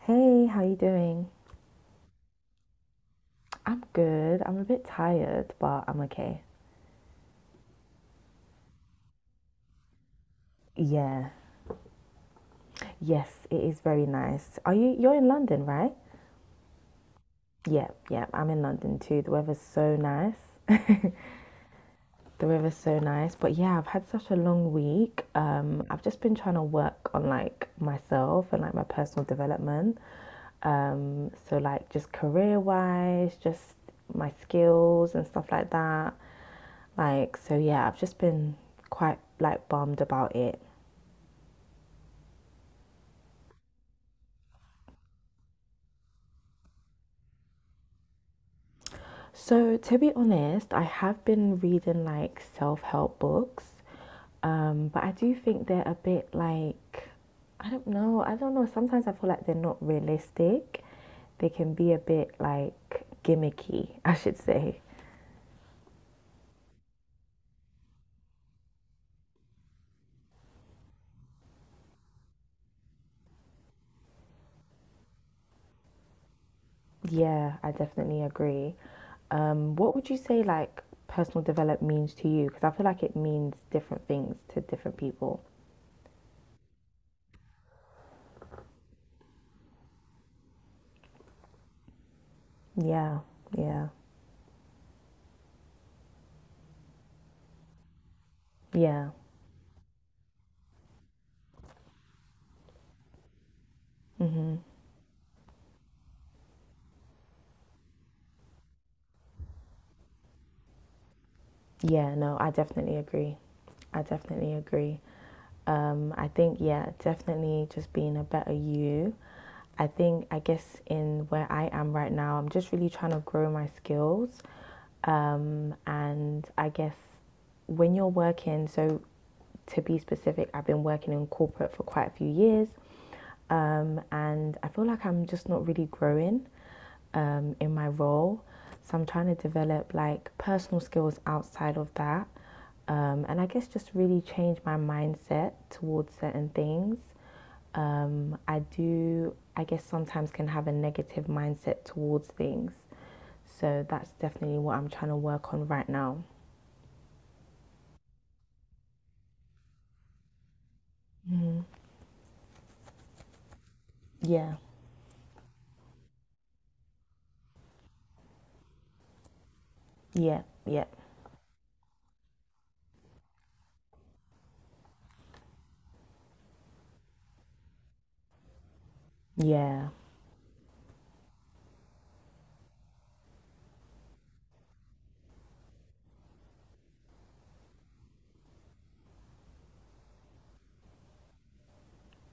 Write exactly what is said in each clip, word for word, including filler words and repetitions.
Hey, how you doing? I'm good. I'm a bit tired, but I'm okay. Yeah. Yes, it is very nice. Are you you're in London, right? Yeah, yeah, I'm in London too. The weather's so nice. The weather's so nice. But yeah, I've had such a long week. Um, I've just been trying to work on like myself and like my personal development. Um, so like just career wise, just my skills and stuff like that. Like, so yeah, I've just been quite like bummed about it. So, to be honest, I have been reading like self help books, um, but I do think they're a bit like, I don't know, I don't know. Sometimes I feel like they're not realistic. They can be a bit like gimmicky, I should say. Yeah, I definitely agree. Um, what would you say like personal development means to you? Because I feel like it means different things to different people. Yeah, yeah, yeah. Yeah, no, I definitely agree. I definitely agree. Um, I think, yeah, definitely just being a better you. I think, I guess, in where I am right now, I'm just really trying to grow my skills. Um, and I guess when you're working, so to be specific, I've been working in corporate for quite a few years. Um, and I feel like I'm just not really growing um, in my role. So I'm trying to develop like personal skills outside of that. Um, and I guess just really change my mindset towards certain things. Um, I do, I guess, sometimes can have a negative mindset towards things. So that's definitely what I'm trying to work on right now. Yeah, yeah, yeah, yeah.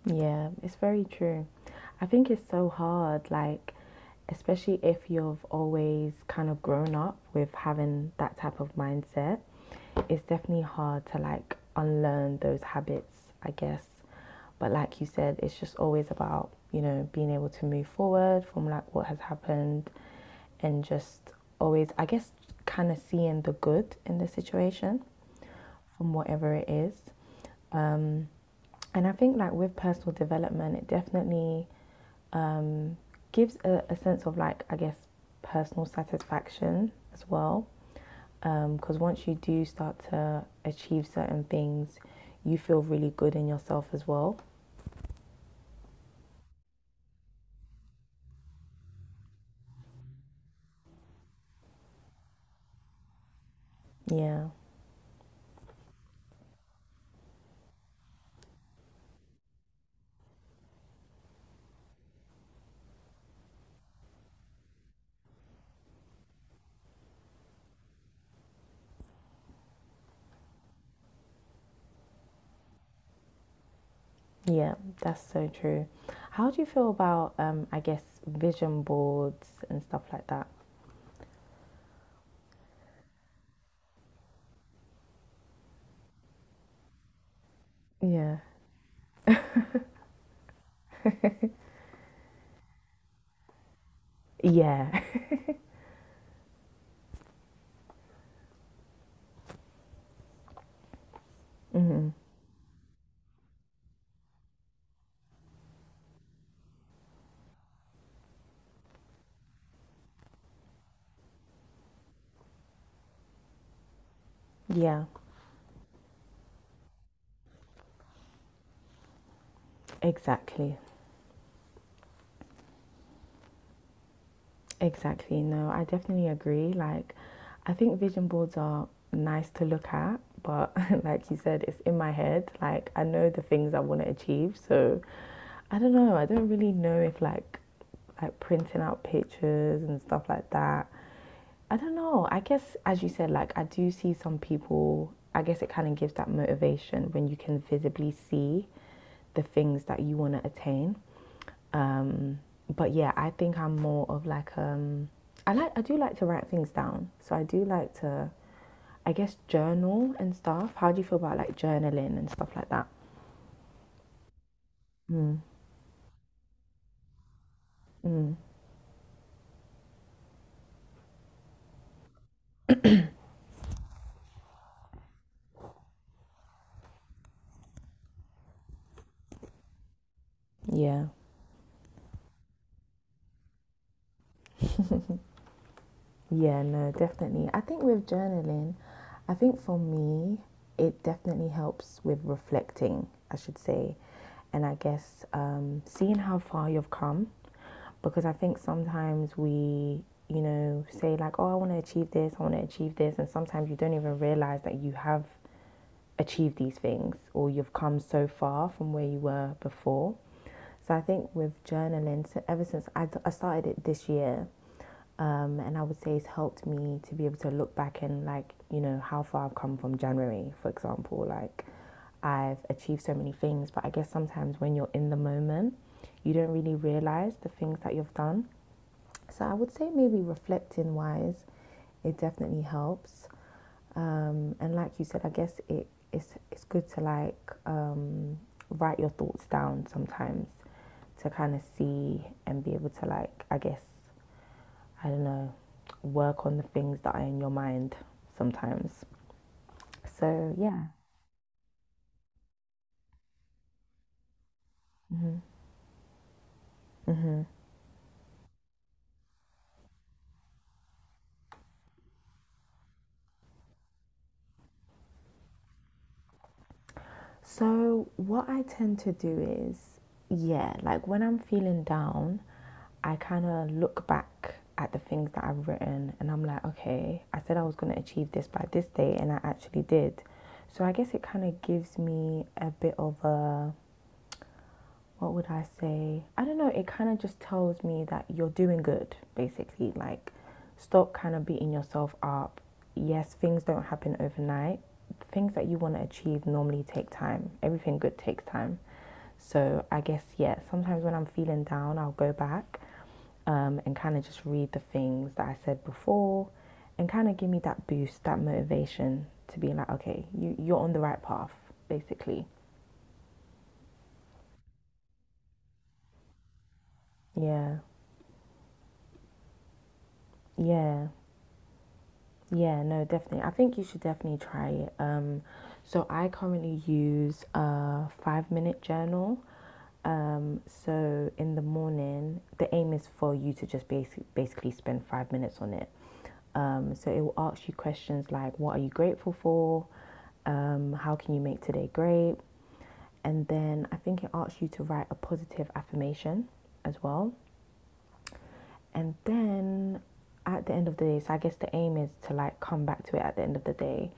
Yeah, it's very true. I think it's so hard, like, especially if you've always kind of grown up with having that type of mindset, it's definitely hard to like unlearn those habits, I guess. But like you said, it's just always about, you know, being able to move forward from like what has happened and just always, I guess, kind of seeing the good in the situation from whatever it is. Um, and I think like with personal development, it definitely um, gives a, a sense of like I guess personal satisfaction as well. Because um, once you do start to achieve certain things, you feel really good in yourself as well. Yeah, yeah, that's so true. How do you feel about um, I guess vision boards and stuff like that? Yeah, yeah, hmm yeah, exactly. Exactly. No, I definitely agree. Like, I think vision boards are nice to look at, but like you said, it's in my head. Like, I know the things I want to achieve, so I don't know. I don't really know if like like printing out pictures and stuff like that. I don't know. I guess as you said, like I do see some people. I guess it kind of gives that motivation when you can visibly see the things that you want to attain. Um, but yeah, I think I'm more of like um, I like I do like to write things down. So I do like to, I guess, journal and stuff. How do you feel about like journaling and stuff like that? Mm, mm, yeah. Yeah, no, definitely. I think with journaling, I think for me, it definitely helps with reflecting, I should say, and I guess um, seeing how far you've come. Because I think sometimes we, you know, say like, oh, I want to achieve this, I want to achieve this, and sometimes you don't even realize that you have achieved these things or you've come so far from where you were before. So I think with journaling, so ever since I, I started it this year, um, and I would say it's helped me to be able to look back and like you know how far I've come from January, for example. Like I've achieved so many things, but I guess sometimes when you're in the moment, you don't really realize the things that you've done. So I would say maybe reflecting wise, it definitely helps. Um, and like you said, I guess it it's it's good to like um, write your thoughts down sometimes to kind of see and be able to like I guess I don't know, work on the things that are in your mind sometimes. So, yeah. So, what I tend to do is, yeah, like when I'm feeling down, I kind of look back at the things that I've written and I'm like, okay, I said I was going to achieve this by this day and I actually did. So, I guess it kind of gives me a bit of a what would I say? I don't know. It kind of just tells me that you're doing good, basically. Like, stop kind of beating yourself up. Yes, things don't happen overnight. Things that you want to achieve normally take time. Everything good takes time. So, I guess, yeah, sometimes when I'm feeling down, I'll go back um, and kind of just read the things that I said before and kind of give me that boost, that motivation to be like, okay, you, you're on the right path, basically. Yeah, yeah. Yeah, no, definitely. I think you should definitely try it. Um, so I currently use a five minute journal. Um, so in the morning, the aim is for you to just basic, basically spend five minutes on it. Um, so it will ask you questions like, what are you grateful for? Um, how can you make today great? And then I think it asks you to write a positive affirmation as well. And then at the end of the day, so I guess the aim is to like come back to it at the end of the day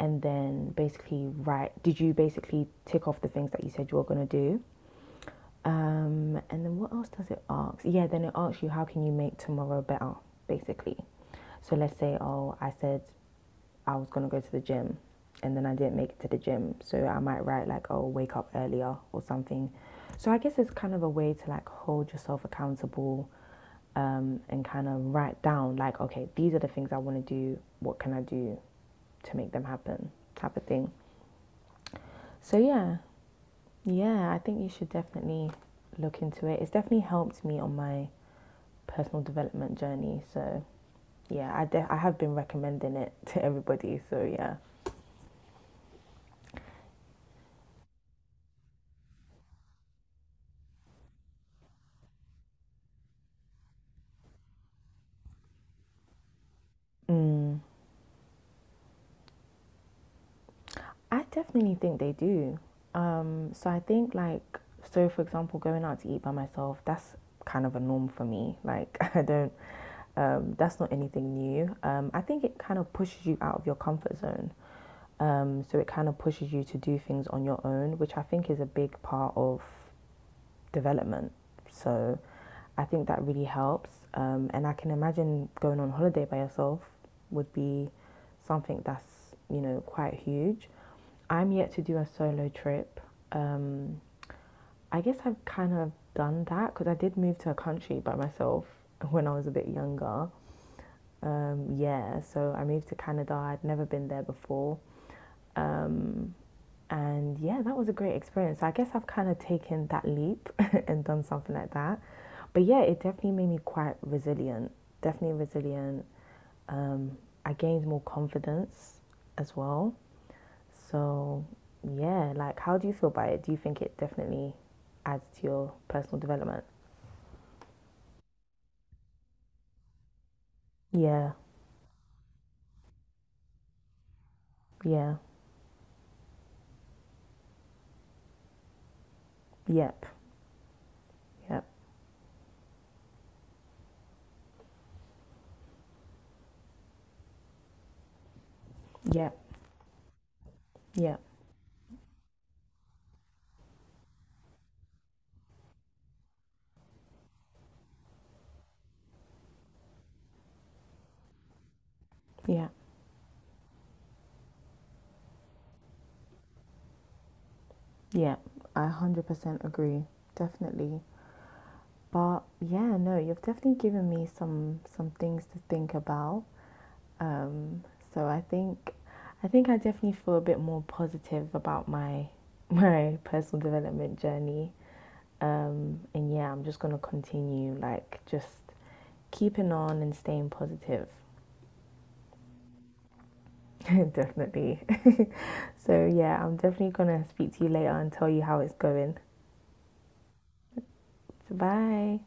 and then basically write did you basically tick off the things that you said you were going to do? Um, and then what else does it ask? Yeah, then it asks you how can you make tomorrow better, basically. So let's say, oh, I said I was going to go to the gym and then I didn't make it to the gym. So I might write like, oh, wake up earlier or something. So I guess it's kind of a way to like hold yourself accountable um, and kind of write down like, okay, these are the things I want to do. What can I do to make them happen? Type of thing. So yeah, yeah, I think you should definitely look into it. It's definitely helped me on my personal development journey. So yeah, I de- I have been recommending it to everybody. So yeah, mm, I definitely think they do. Um, so I think like so for example, going out to eat by myself that's kind of a norm for me. Like I don't. Um, that's not anything new. Um, I think it kind of pushes you out of your comfort zone. Um, so it kind of pushes you to do things on your own, which I think is a big part of development. So I think that really helps. Um, and I can imagine going on holiday by yourself would be something that's, you know, quite huge. I'm yet to do a solo trip. Um, I guess I've kind of done that because I did move to a country by myself when I was a bit younger. Um, yeah, so I moved to Canada. I'd never been there before. Um, and yeah, that was a great experience. So I guess I've kind of taken that leap and done something like that. But yeah, it definitely made me quite resilient. Definitely resilient. Um, I gained more confidence as well. So yeah, like how do you feel about it? Do you think it definitely adds to your personal development? Yeah, yeah, yep, yep, yep, yep, yeah. Yeah, I one hundred percent agree. Definitely. But yeah, no, you've definitely given me some some things to think about. Um, so I think I think I definitely feel a bit more positive about my my personal development journey. Um, and yeah, I'm just gonna continue like just keeping on and staying positive. definitely. So yeah, I'm definitely gonna speak to you later and tell you how it's going. So bye.